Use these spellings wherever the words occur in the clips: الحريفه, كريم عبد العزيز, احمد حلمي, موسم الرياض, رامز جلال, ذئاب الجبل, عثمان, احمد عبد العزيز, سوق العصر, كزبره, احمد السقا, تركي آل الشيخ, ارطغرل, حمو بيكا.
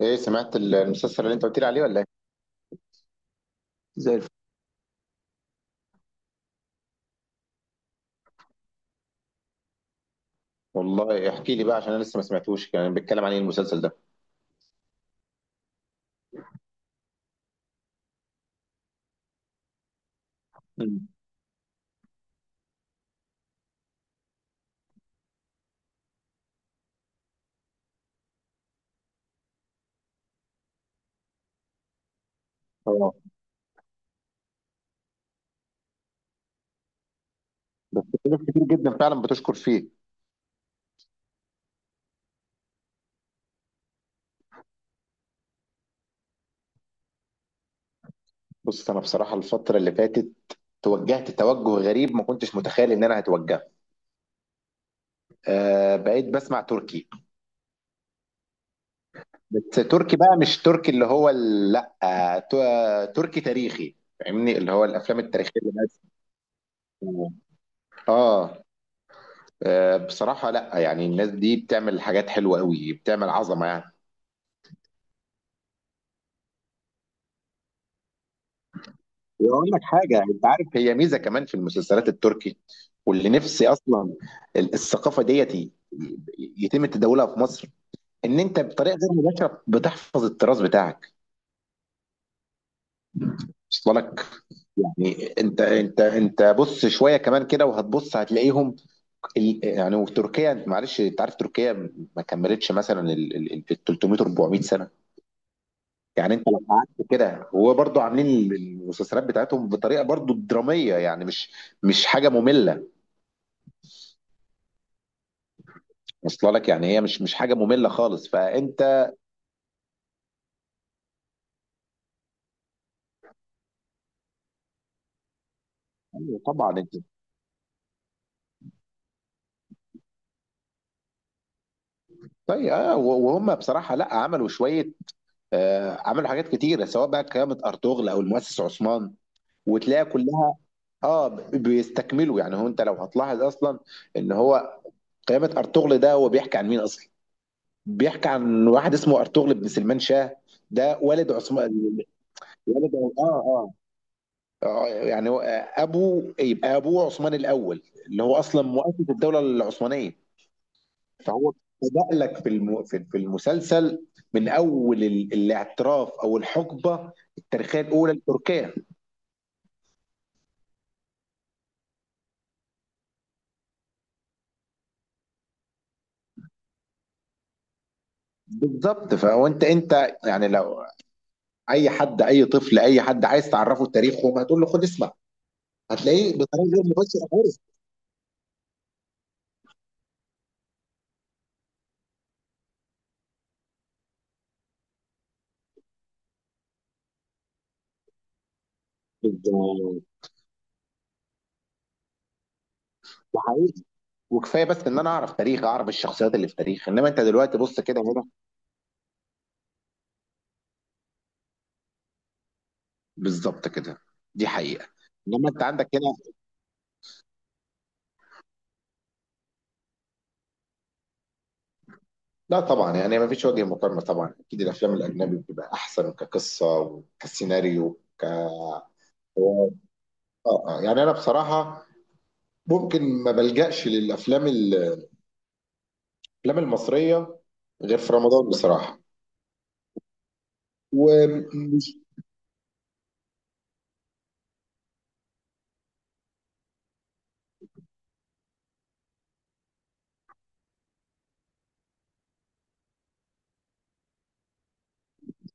ايه سمعت المسلسل اللي انت قلت لي عليه ولا ايه؟ زي الفل. والله احكي لي بقى، عشان انا لسه ما سمعتوش، يعني بيتكلم عن ايه المسلسل ده؟ مم. اه. في ناس كتير جدا فعلا بتشكر فيه. بص انا بصراحه الفتره اللي فاتت توجهت توجه غريب، ما كنتش متخيل ان انا هتوجهه. آه، بقيت بسمع تركي. بس تركي بقى مش تركي اللي هو لا، تركي تاريخي، فاهمني، اللي هو الافلام التاريخيه اللي الناس. اه. بصراحه لا، يعني الناس دي بتعمل حاجات حلوه قوي، بتعمل عظمه يعني. واقول لك حاجه، انت عارف هي ميزه كمان في المسلسلات التركي، واللي نفسي اصلا الثقافه ديت يتم تداولها في مصر. ان انت بطريقه غير مباشره بتحفظ التراث بتاعك. وصل لك. يعني انت بص، شويه كمان كده وهتبص هتلاقيهم. يعني وتركيا معلش انت عارف تركيا ما كملتش مثلا 300 400 سنه. يعني انت لو قعدت كده، وهو برضو عاملين المسلسلات بتاعتهم بطريقه برضو دراميه، يعني مش حاجه ممله. واصله لك، يعني هي مش حاجه ممله خالص، فانت. أيوة طبعا انت. طيب وهم بصراحه لا عملوا شويه. عملوا حاجات كتيره سواء بقى قيامه ارطغرل او المؤسس عثمان. وتلاقيها كلها. اه، بيستكملوا، يعني هو انت لو هتلاحظ اصلا ان هو قيامه ارطغرل ده هو بيحكي عن مين اصلا؟ بيحكي عن واحد اسمه ارطغرل بن سلمان شاه. ده والد عثمان. والد، اه اه. ابو، يبقى ابوه عثمان الاول اللي هو اصلا مؤسس الدوله العثمانيه. فهو بدأ لك في المسلسل، من اول الاعتراف او الحقبه التاريخيه الاولى لتركيا. بالظبط، فهو انت يعني لو اي حد، اي طفل، اي حد عايز تعرفه تاريخهم هتقول له خد اسمع. هتلاقيه بطريقه غير مباشره، عارف. بالظبط، وحقيقي. وكفايه بس ان انا اعرف تاريخ، اعرف الشخصيات اللي في تاريخ، انما انت دلوقتي بص كده هنا. بالظبط كده. دي حقيقه. انما انت عندك هنا. لا طبعا، يعني ما فيش وجه مقارنة، طبعا أكيد الأفلام الأجنبي بتبقى أحسن كقصة وكسيناريو ك آه يعني أنا بصراحة ممكن ما بلجأش للأفلام الأفلام المصرية غير في رمضان بصراحة. ومش.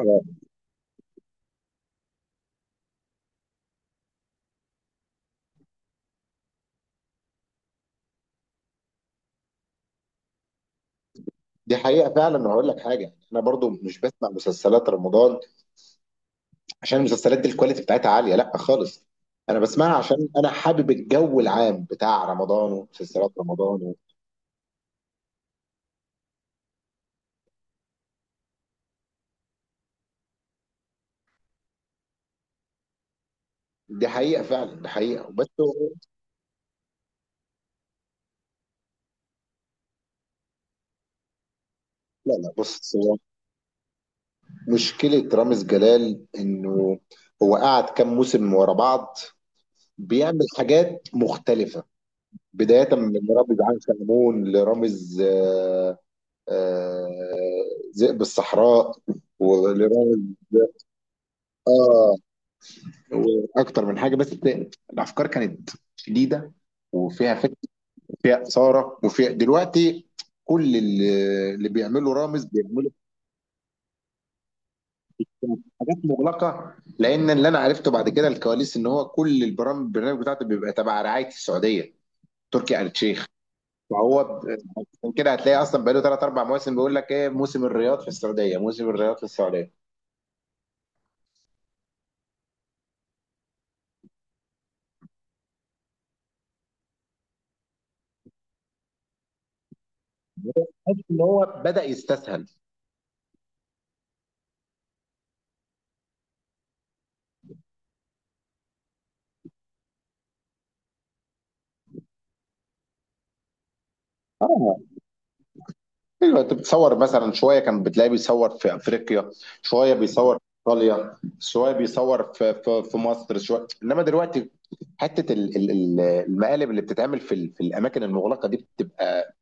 آه. دي حقيقة فعلا، وهقول لك حاجة، أنا برضو مش بسمع مسلسلات رمضان عشان المسلسلات دي الكواليتي بتاعتها عالية لا خالص. أنا بسمعها عشان أنا حابب الجو العام بتاع رمضان ومسلسلات رمضان دي حقيقة فعلا، دي حقيقة وبس. لا لا، بص هو مشكلة رامز جلال إنه هو قعد كام موسم ورا بعض بيعمل حاجات مختلفة، بداية من رامز عين شمعون لرامز آه، ذئب الصحراء، ولرامز آه وأكتر من حاجة. بس الأفكار كانت شديدة وفيها فكر، فيها إثارة. وفيها دلوقتي كل اللي بيعمله رامز بيعمله حاجات مغلقه، لان اللي انا عرفته بعد كده الكواليس ان هو كل البرنامج بتاعته بيبقى تبع رعايه السعوديه، تركي آل الشيخ. فهو عشان كده هتلاقي اصلا بقاله ثلاث اربع مواسم بيقول لك ايه، موسم الرياض في السعوديه، موسم الرياض في السعوديه. حاسس ان هو بدا يستسهل. اه. ايوه، انت بتصور مثلا شويه كان بتلاقيه بيصور في افريقيا، شويه بيصور في ايطاليا، شويه بيصور في مصر، شويه انما دلوقتي حته المقالب اللي بتتعمل في الاماكن المغلقه دي بتبقى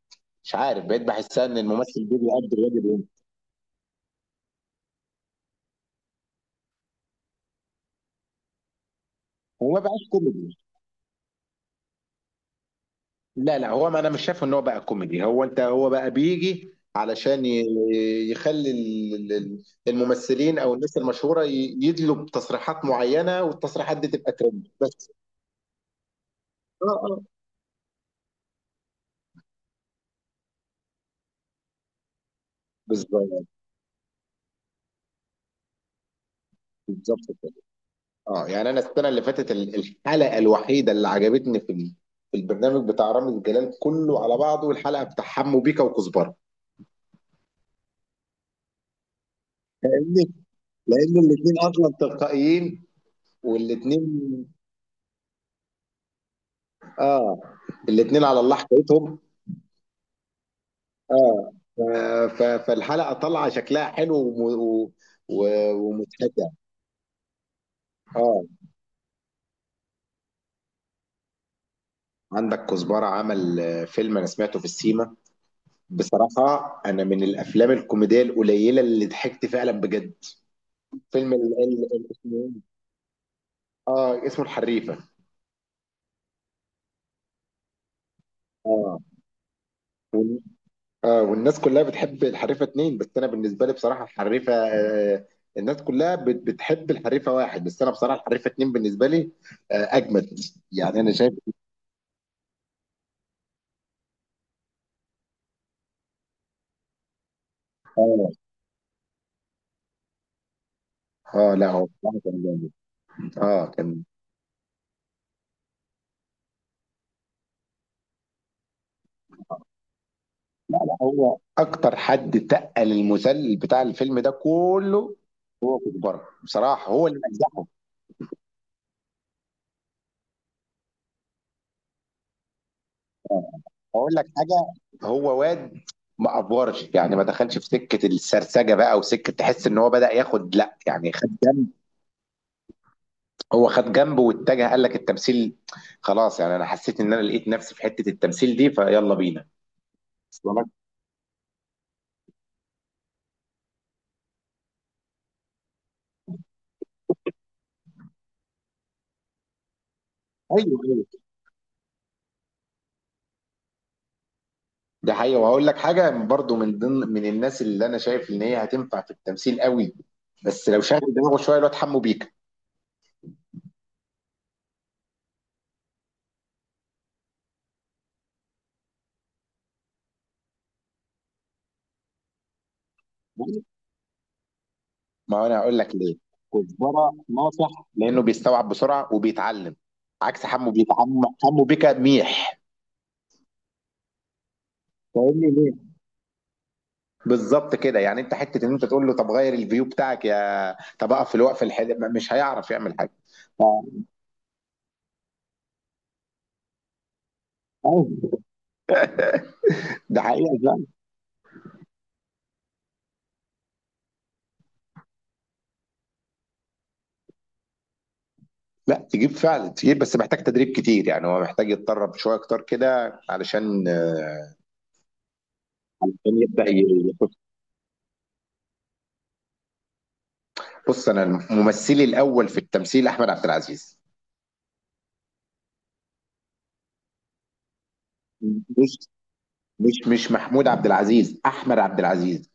مش عارف، بقيت بحسها ان الممثل ده بيأدي الواجب هنا. هو ما بقاش كوميدي. لا لا، هو ما انا مش شايف ان هو بقى كوميدي، هو هو بقى بيجي علشان يخلي الممثلين او الناس المشهوره يدلوا بتصريحات معينه، والتصريحات دي تبقى ترند بس. اه اه. بالظبط. بالظبط كده. اه، يعني انا السنه اللي فاتت الحلقه الوحيده اللي عجبتني في البرنامج بتاع رامز جلال كله على بعضه الحلقه بتاع حمو بيكا وكزبره. لان لان الاثنين اصلا تلقائيين. والاتنين اه. الاتنين على الله حكايتهم. اه، فالحلقه طالعه شكلها حلو ومضحكه. اه، عندك كزبره عمل فيلم انا سمعته في السيما. بصراحه انا من الافلام الكوميديه القليله اللي ضحكت فعلا بجد. فيلم اسمه إيه؟ اه، اسمه الحريفه. اه اه. والناس كلها بتحب الحريفه اتنين، بس انا بالنسبه لي بصراحه الحريفه الناس كلها بتحب الحريفه واحد بس انا بصراحه الحريفه اتنين بالنسبه لي اجمد. يعني انا شايف. اه اه. لا هو بصراحه كان جامد. اه كان. لا لا هو اكتر حد تقل المسلسل بتاع الفيلم ده كله. هو كزبره، بصراحه هو اللي نجحه. اقول لك حاجه، هو واد ما افورش، يعني ما دخلش في سكه السرسجه بقى وسكه تحس ان هو بدا ياخد لا يعني خد. هو خد جنبه واتجه قال لك التمثيل، خلاص. يعني انا حسيت ان انا لقيت نفسي في حته التمثيل دي فيلا بينا. أصل أنا- ايوه ايوه. ده حقيقي، وهقول لك حاجه برضو من ضمن من الناس اللي انا شايف ان هي هتنفع في التمثيل قوي، بس لو شغل دماغه شويه، الواد حمو بيكا. ما انا هقول لك ليه، كزبره ناصح لانه بيستوعب بسرعه وبيتعلم. عكس حمو بيكا، حمو بيكا ميح. فاهمني. بالظبط كده، يعني انت حته ان انت تقول له طب غير الفيو بتاعك يا طب اقف في الوقف الحلو، مش هيعرف يعمل حاجه. ف- أيوة. ده حقيقه فعلا. لا تجيب فعلا تجيب، بس محتاج تدريب كتير، يعني هو محتاج يتدرب شويه اكتر كده علشان عشان يبدا يخش. بص انا ممثلي الاول في التمثيل احمد عبد العزيز. مش مش محمود عبد العزيز، احمد عبد العزيز.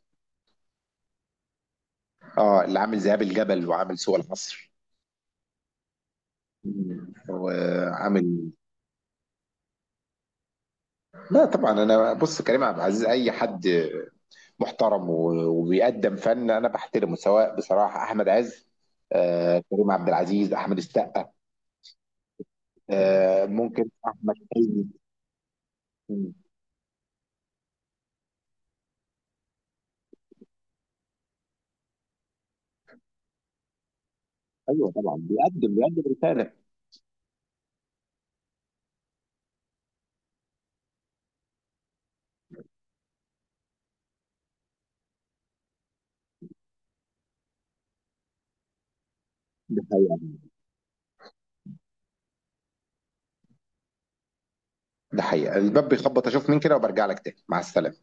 اه، اللي عامل ذئاب الجبل وعامل سوق العصر. وعامل. لا طبعا، انا بص كريم عبد العزيز اي حد محترم وبيقدم فن انا بحترمه، سواء بصراحه احمد عز، كريم عبد العزيز، احمد السقا، ممكن احمد حلمي. مم. ايوه طبعا، بيقدم رساله. ده حقيقه. ده حقيقه، الباب بيخبط، اشوف مين كده وبرجع لك تاني. مع السلامه.